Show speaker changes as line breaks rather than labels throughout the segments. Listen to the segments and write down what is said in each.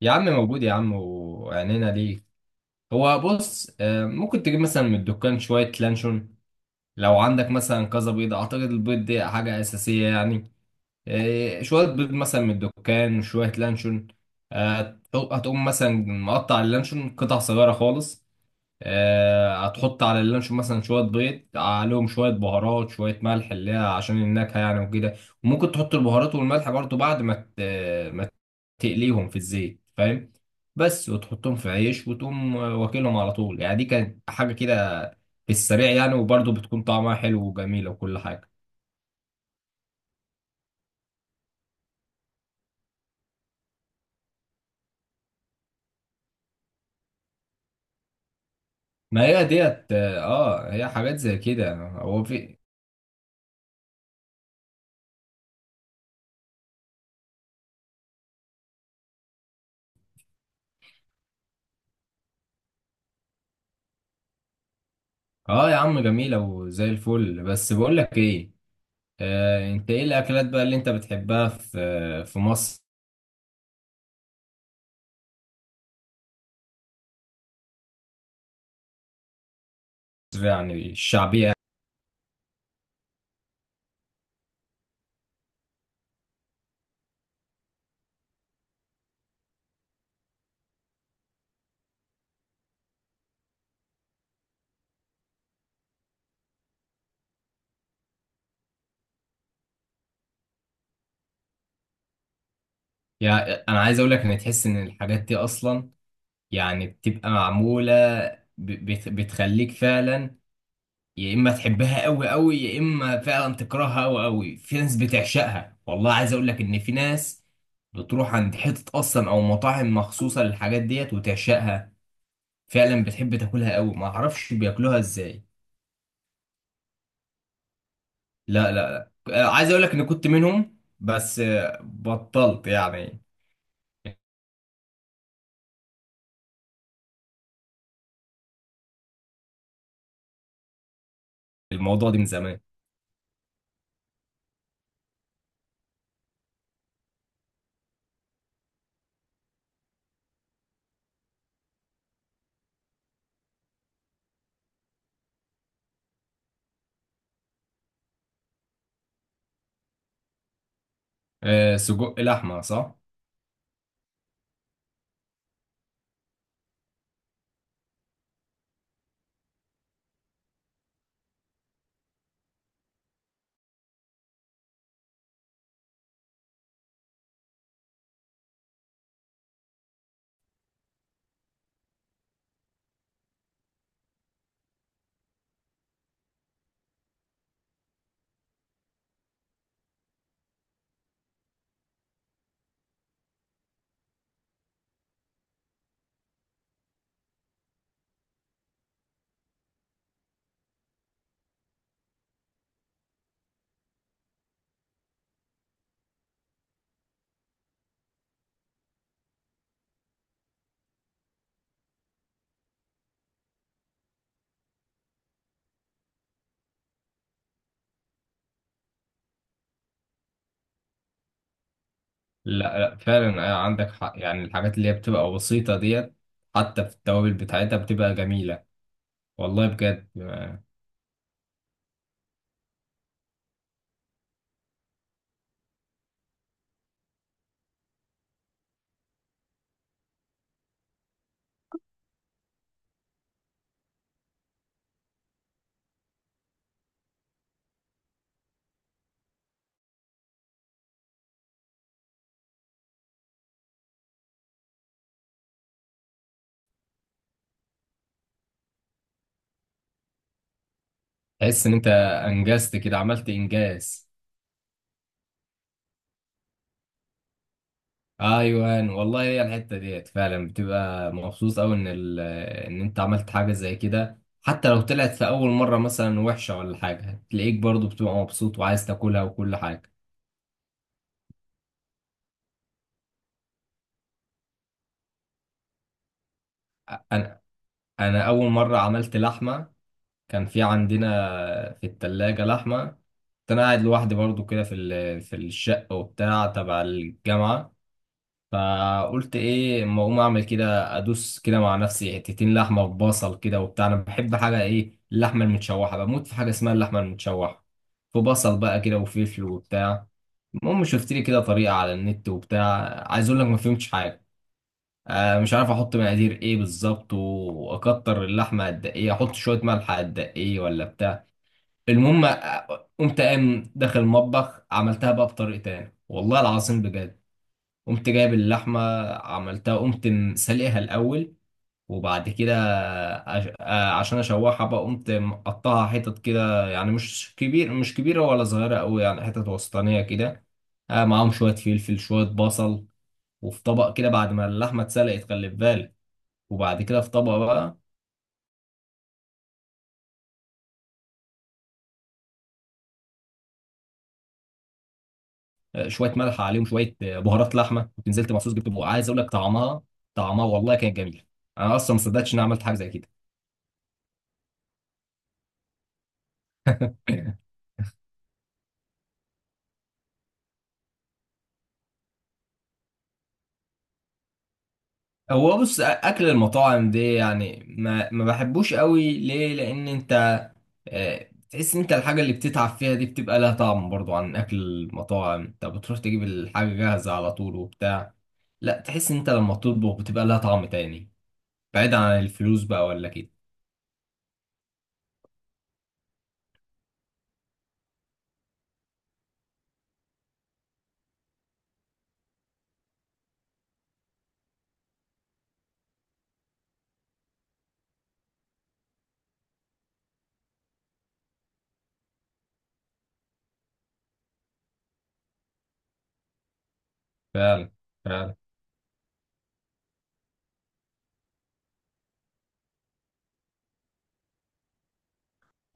يا عم موجود يا عم، وعينينا ليك. هو بص، ممكن تجيب مثلا من الدكان شوية لانشون. لو عندك مثلا كذا بيض، أعتقد البيض دي حاجة أساسية يعني. شوية بيض مثلا من الدكان وشوية لانشون. هتقوم مثلا مقطع اللانشون قطع صغيرة خالص. هتحط على اللانشون مثلا شوية بيض، عليهم شوية بهارات، شوية ملح اللي هي عشان النكهة يعني وكده. وممكن تحط البهارات والملح برضو بعد ما ما تقليهم في الزيت، فاهم؟ بس، وتحطهم في عيش وتقوم واكلهم على طول، يعني دي كانت حاجة كده في السريع يعني، وبرضه بتكون طعمها حلو وجميلة وكل حاجة. ما هي ديت اه، هي حاجات زي كده. هو في اه يا عم، جميلة وزي الفل، بس بقول لك ايه. انت ايه الاكلات بقى اللي انت بتحبها في مصر؟ يعني الشعبية؟ يعني انا عايز اقول لك ان تحس ان الحاجات دي اصلا يعني بتبقى معمولة، بتخليك فعلا يا اما تحبها قوي قوي، يا اما فعلا تكرهها قوي قوي. في ناس بتعشقها، والله عايز اقول لك ان في ناس بتروح عند حتة اصلا او مطاعم مخصوصة للحاجات ديت وتعشقها فعلا، بتحب تاكلها قوي، ما اعرفش بياكلوها ازاي. لا، عايز اقول لك ان كنت منهم، بس بطلت يعني، الموضوع ده من زمان. سجق لحمة، صح. لا، فعلا، عندك حق. يعني الحاجات اللي هي بتبقى بسيطة ديت، حتى في التوابل بتاعتها بتبقى جميلة، والله بجد. تحس ان انت انجزت كده، عملت انجاز. ايوه والله، هي الحته ديت فعلا بتبقى مبسوط قوي ان ان انت عملت حاجه زي كده. حتى لو طلعت في اول مره مثلا وحشه ولا حاجه، تلاقيك برضو بتبقى مبسوط وعايز تاكلها وكل حاجه. انا انا اول مره عملت لحمه، كان في عندنا في التلاجة لحمه. كنت انا قاعد لوحدي برضو كده في في الشقه وبتاع تبع الجامعه. فقلت ايه، اما اقوم اعمل كده، ادوس كده مع نفسي حتتين لحمه ببصل كده وبتاع. انا بحب حاجه ايه، اللحمه المتشوحه، بموت في حاجه اسمها اللحمه المتشوحه، في بصل بقى كده وفلفل وبتاع. المهم شفت لي كده طريقه على النت وبتاع. عايز اقول لك ما فهمتش حاجه، آه مش عارف احط مقادير ايه بالظبط، واكتر اللحمه قد ايه، احط شويه ملح قد ايه، ولا بتاع. المهم قمت قام داخل المطبخ عملتها بقى بطريقه تاني، والله العظيم بجد. قمت جايب اللحمة، عملتها، قمت سلقها الأول، وبعد كده عشان أشوحها بقى قمت مقطعها حتت كده، يعني مش كبير، مش كبيرة ولا صغيرة أوي، يعني حتت وسطانية كده. معاهم شوية فلفل، شوية بصل، وفي طبق كده بعد ما اللحمة اتسلقت، خلي في بالك. وبعد كده في طبق بقى شوية ملح عليهم، شوية بهارات لحمة كنت نزلت مخصوص جبت بقى. عايز أقول لك طعمها، طعمها والله كان جميل، أنا أصلا ما صدقتش إن أنا عملت حاجة زي كده. هو بص، اكل المطاعم دي يعني ما بحبوش قوي. ليه؟ لان انت تحس انت الحاجه اللي بتتعب فيها دي بتبقى لها طعم برضو. عن اكل المطاعم، انت بتروح تجيب الحاجه جاهزه على طول وبتاع. لا، تحس انت لما تطبخ بتبقى لها طعم تاني، بعيد عن الفلوس بقى ولا كده. فعلا.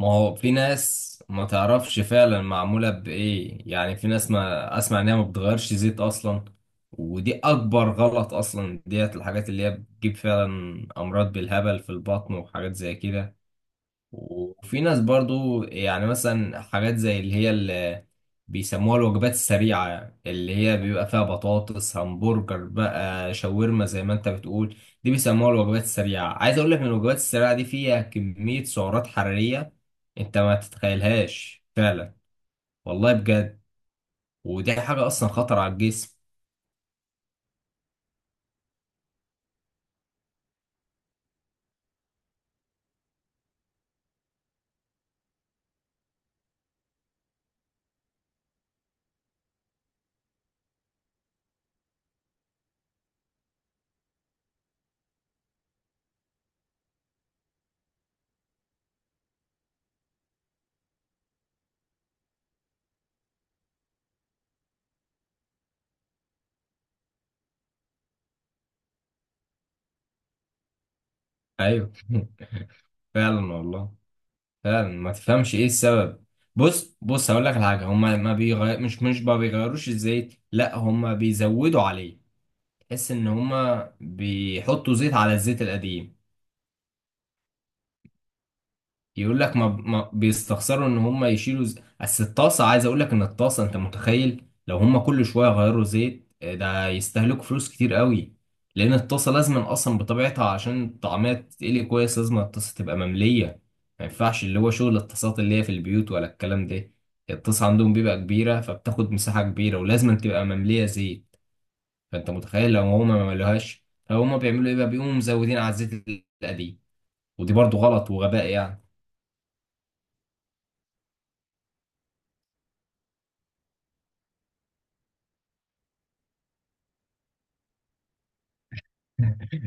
ما هو في ناس ما تعرفش فعلا معمولة بإيه. يعني في ناس ما أسمع إنها ما بتغيرش زيت أصلا، ودي أكبر غلط أصلا ديت. الحاجات اللي هي بتجيب فعلا أمراض بالهبل في البطن وحاجات زي كده. وفي ناس برضو يعني مثلا حاجات زي اللي هي اللي بيسموها الوجبات السريعة، اللي هي بيبقى فيها بطاطس، همبرجر بقى، شاورما زي ما انت بتقول. دي بيسموها الوجبات السريعة. عايز اقول لك ان الوجبات السريعة دي فيها كمية سعرات حرارية انت ما تتخيلهاش فعلا، والله بجد. ودي حاجة اصلا خطر على الجسم. ايوه فعلا والله. فعلا ما تفهمش ايه السبب. بص بص، هقول لك على حاجه. هما ما بيغير مش ما بيغيروش الزيت، لا، هما بيزودوا عليه. تحس ان هما بيحطوا زيت على الزيت القديم. يقول لك ما بيستخسروا ان هم يشيلوا بس الطاسه، عايز اقول لك ان الطاسه، انت متخيل لو هم كل شويه غيروا زيت، ده يستهلكوا فلوس كتير قوي. لان الطاسه لازم اصلا بطبيعتها عشان الطعميه تتقلي كويس لازم الطاسه تبقى ممليه. ما ينفعش اللي هو شغل الطاسات اللي هي في البيوت ولا الكلام ده. الطاسه عندهم بيبقى كبيره، فبتاخد مساحه كبيره، ولازم تبقى ممليه زيت. فانت متخيل لو هم ما ملوهاش، لو هم بيعملوا ايه بقى؟ بيقوموا مزودين على الزيت القديم، ودي برضو غلط وغباء يعني.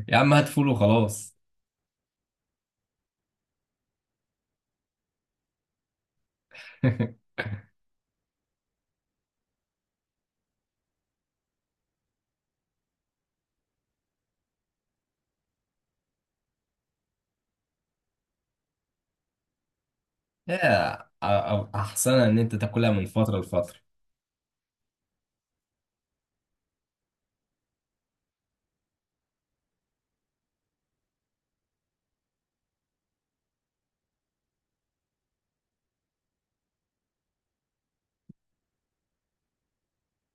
يا عم هات فول وخلاص. احسنها ان انت تاكلها من فتره لفتره.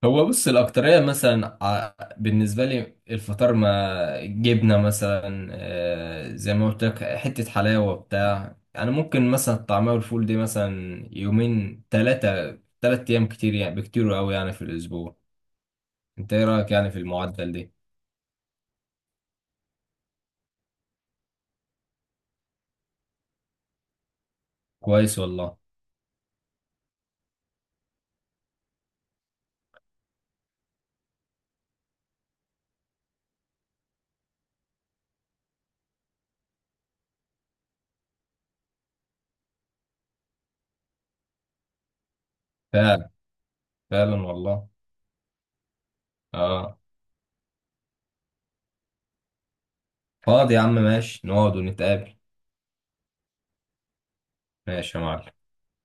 هو بص، الاكتريه مثلا بالنسبه لي الفطار ما، جبنه مثلا، زي ما قلت لك، حته حلاوه بتاع انا ممكن مثلا الطعميه والفول دي مثلا يومين، ثلاثه، ثلاث ايام كتير يعني، بكتير قوي يعني في الاسبوع. انت ايه رايك يعني في المعدل ده؟ كويس والله. فعلا. فعلا والله. اه، فاضي يا عم، ماشي نقعد ونتقابل. ماشي يا معلم.